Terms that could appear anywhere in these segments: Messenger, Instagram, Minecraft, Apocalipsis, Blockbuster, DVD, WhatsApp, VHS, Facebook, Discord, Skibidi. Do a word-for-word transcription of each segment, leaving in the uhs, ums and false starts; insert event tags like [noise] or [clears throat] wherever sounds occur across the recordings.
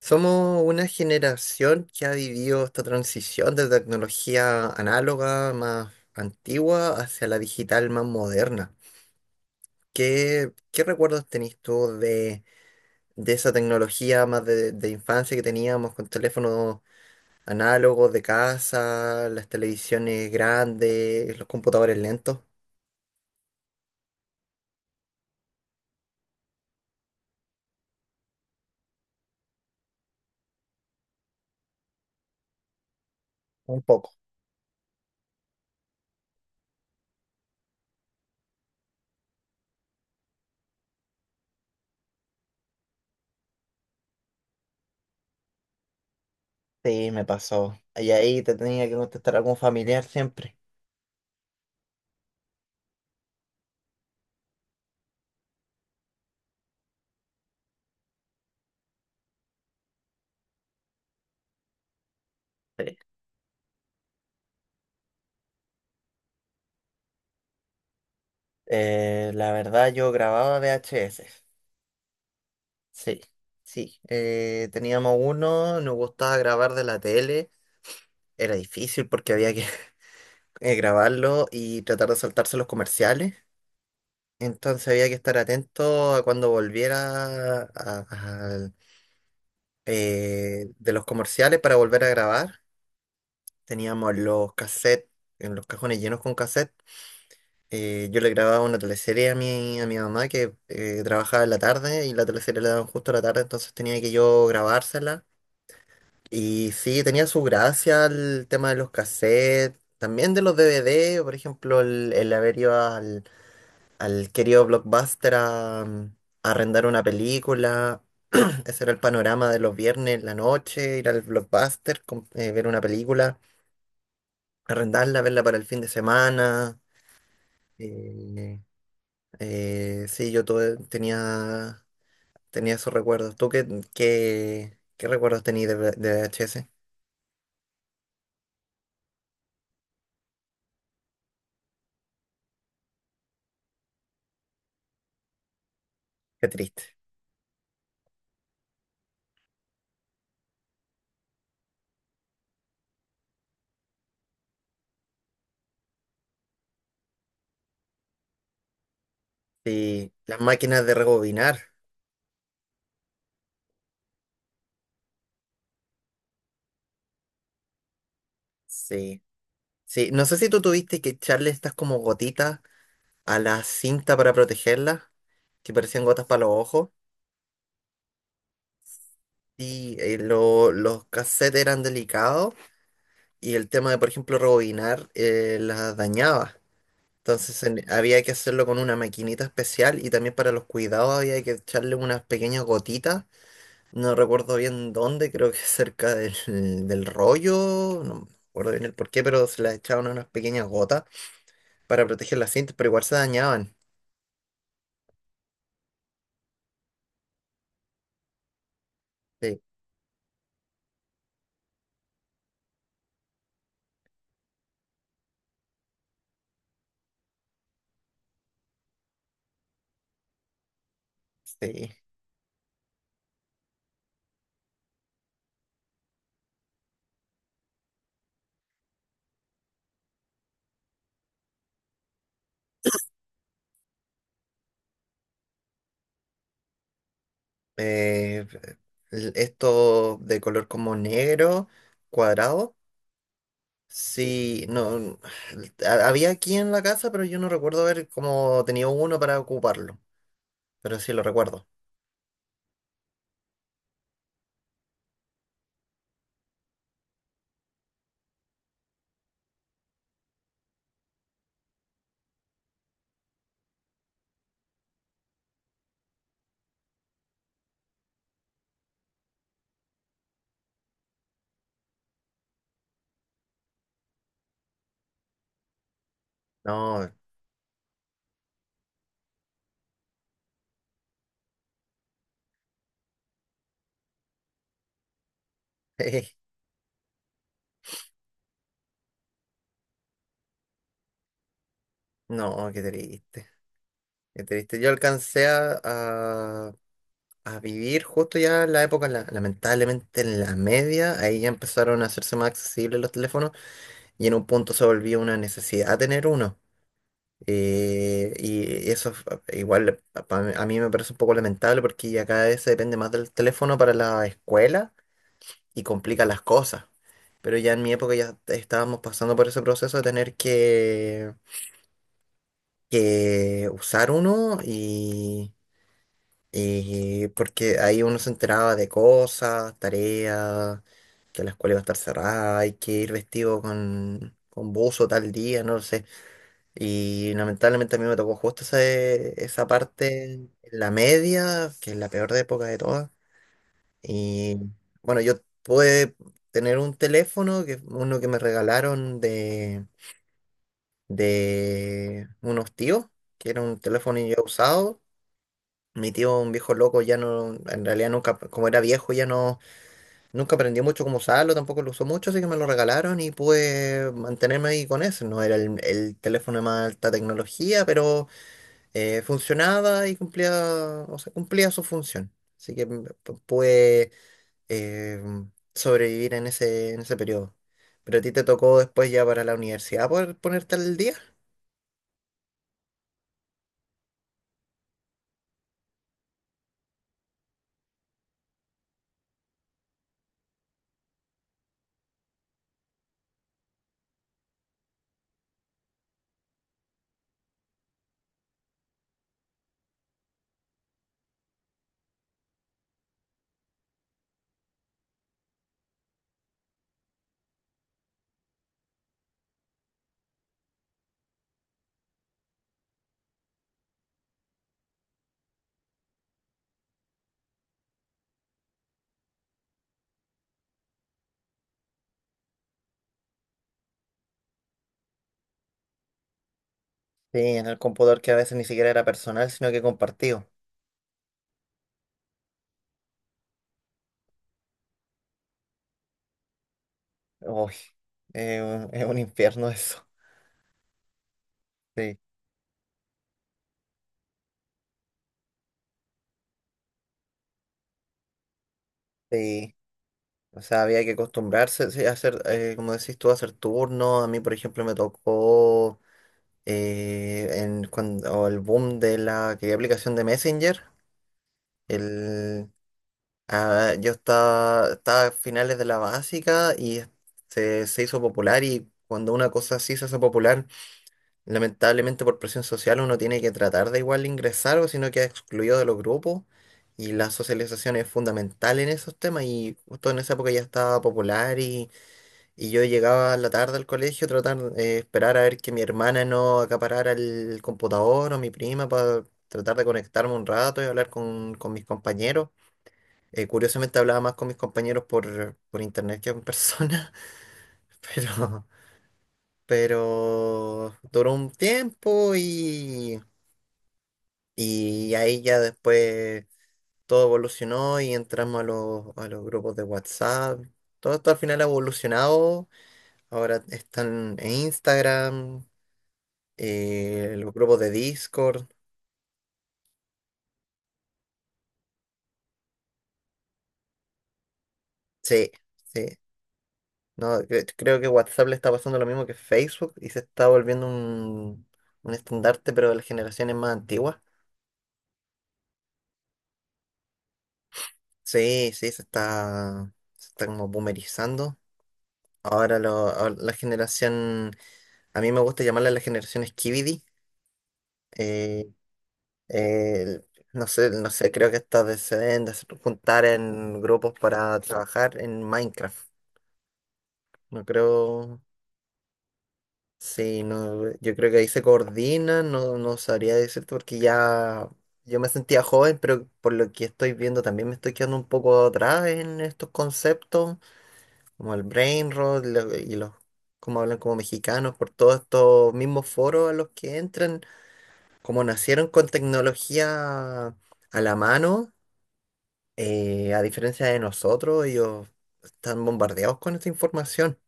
Somos una generación que ha vivido esta transición de tecnología análoga más antigua hacia la digital más moderna. ¿Qué, qué recuerdos tenés tú de, de esa tecnología más de, de infancia que teníamos con teléfonos análogos de casa, las televisiones grandes, ¿los computadores lentos? Un poco. Sí, me pasó. Y ahí te tenía que contestar algún familiar siempre. Sí. Eh, la verdad, yo grababa V H S. Sí, sí. Eh, teníamos uno, nos gustaba grabar de la tele. Era difícil porque había que [laughs] eh, grabarlo y tratar de saltarse los comerciales. Entonces había que estar atento a cuando volviera a- al, eh, de los comerciales para volver a grabar. Teníamos los cassettes, en los cajones llenos con cassette. Eh, yo le grababa una teleserie a mi, a mi mamá que eh, trabajaba en la tarde y la teleserie la daban justo a la tarde, entonces tenía que yo grabársela. Y sí, tenía su gracia el tema de los cassettes, también de los D V D, por ejemplo, el, el haber ido al, al querido Blockbuster a, mm, a arrendar una película. [clears throat] Ese era el panorama de los viernes, en la noche, ir al Blockbuster, com- eh, ver una película, arrendarla, verla para el fin de semana. Eh, eh, sí, yo tuve- tenía, tenía esos recuerdos. ¿Tú qué, qué, qué recuerdos tenías de, V- de ¿V H S Qué triste. Sí, las máquinas de rebobinar. Sí, sí. No sé si tú tuviste que echarle estas como gotitas a la cinta para protegerlas, que parecían gotas para los ojos. Y eh, lo- los cassettes eran delicados y el tema de, por ejemplo, rebobinar eh, las dañaba. Entonces en- había que hacerlo con una maquinita especial y también para los cuidados había que echarle unas pequeñas gotitas. No recuerdo bien dónde, creo que cerca del, del rollo, no me acuerdo bien el porqué, pero se las echaban unas pequeñas gotas para proteger las cintas, pero igual se dañaban. Sí, sí. Eh, el- Esto de color como negro, cuadrado, sí, no, ha- había aquí en la casa, pero yo no recuerdo haber como tenido uno para ocuparlo, pero sí lo recuerdo. No, [laughs] no, qué triste, qué triste. Yo alcancé a, a vivir justo ya en la época, la- lamentablemente en la media, ahí ya empezaron a hacerse más accesibles los teléfonos y en un punto se volvió una necesidad tener uno. Eh, y eso f- igual pa- pa- A mí me parece un poco lamentable porque ya cada vez se depende más del teléfono para la escuela y complica las cosas. Pero ya en mi época ya estábamos pasando por ese proceso de tener que, que usar uno. Eh, porque ahí uno se enteraba de cosas, tareas, que la escuela iba a estar cerrada, hay que ir vestido con, con buzo tal día, no lo sé. Y lamentablemente a mí me tocó justo ese- esa parte, en la media, que es la peor de época de todas. Y bueno, yo pude tener un teléfono, que, uno que me regalaron de, de unos tíos, que era un teléfono ya usado. Mi tío, un viejo loco, ya no, en realidad nunca, como era viejo, ya no, nunca aprendió mucho cómo usarlo, tampoco lo usó mucho, así que me lo regalaron y pude mantenerme ahí con eso. No era el, el teléfono de más alta tecnología, pero eh, funcionaba y cumplía, o sea, cumplía su función. Así que mm, pu- pude eh, sobrevivir en ese, en ese periodo. Pero a ti te tocó después ya para la universidad poder ponerte al día. Sí, en el computador que a veces ni siquiera era personal, sino que compartido. Uy, es un, es un infierno eso. Sí, sí. O sea, había que acostumbrarse sí, a hacer, eh, como decís tú, a hacer turnos. A mí, por ejemplo, me tocó eh, en, cuando el boom de la que aplicación de Messenger. El, ah, yo estaba, estaba a finales de la básica y se, se hizo popular, y cuando una cosa así se hace popular, lamentablemente por presión social uno tiene que tratar de igual ingresar o si no queda excluido de los grupos, y la socialización es fundamental en esos temas, y justo en esa época ya estaba popular y, y yo llegaba a la tarde al colegio tratar de esperar a ver que mi hermana no acaparara el computador o mi prima para tratar de conectarme un rato y hablar con, con mis compañeros. Eh, curiosamente hablaba más con mis compañeros por, por internet que en persona, [laughs] pero, pero duró un tiempo y... Y ahí ya después todo evolucionó y entramos a los, a los grupos de WhatsApp. Todo esto al final ha evolucionado. Ahora están en Instagram, eh, los grupos de Discord. Sí, sí. No, cre- creo que WhatsApp le está pasando lo mismo que Facebook y se está volviendo un, un estandarte, pero de las generaciones más antiguas. Sí, sí, se está, se está como boomerizando. Ahora lo- ahora la generación, a mí me gusta llamarla la generación Skibidi. Eh, eh, no sé, no sé, creo que estas de- se deben de juntar en grupos para trabajar en Minecraft. No creo, sí, no, yo creo que ahí se coordinan, no, no sabría decirte porque ya yo me sentía joven, pero por lo que estoy viendo también me estoy quedando un poco atrás en estos conceptos, como el brain rot lo- y los, como hablan como mexicanos, por todos estos mismos foros a los que entran, como nacieron con tecnología a la mano. Eh, a diferencia de nosotros, ellos están bombardeados con esta información.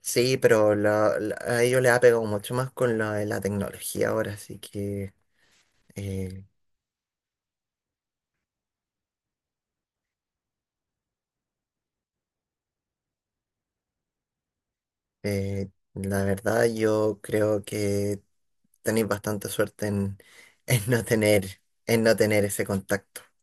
Sí, pero la- la- a ellos les ha pegado mucho más con la, la tecnología ahora, así que eh, eh, la verdad yo creo que tenéis bastante suerte en, [laughs] en no tener, en no tener ese contacto.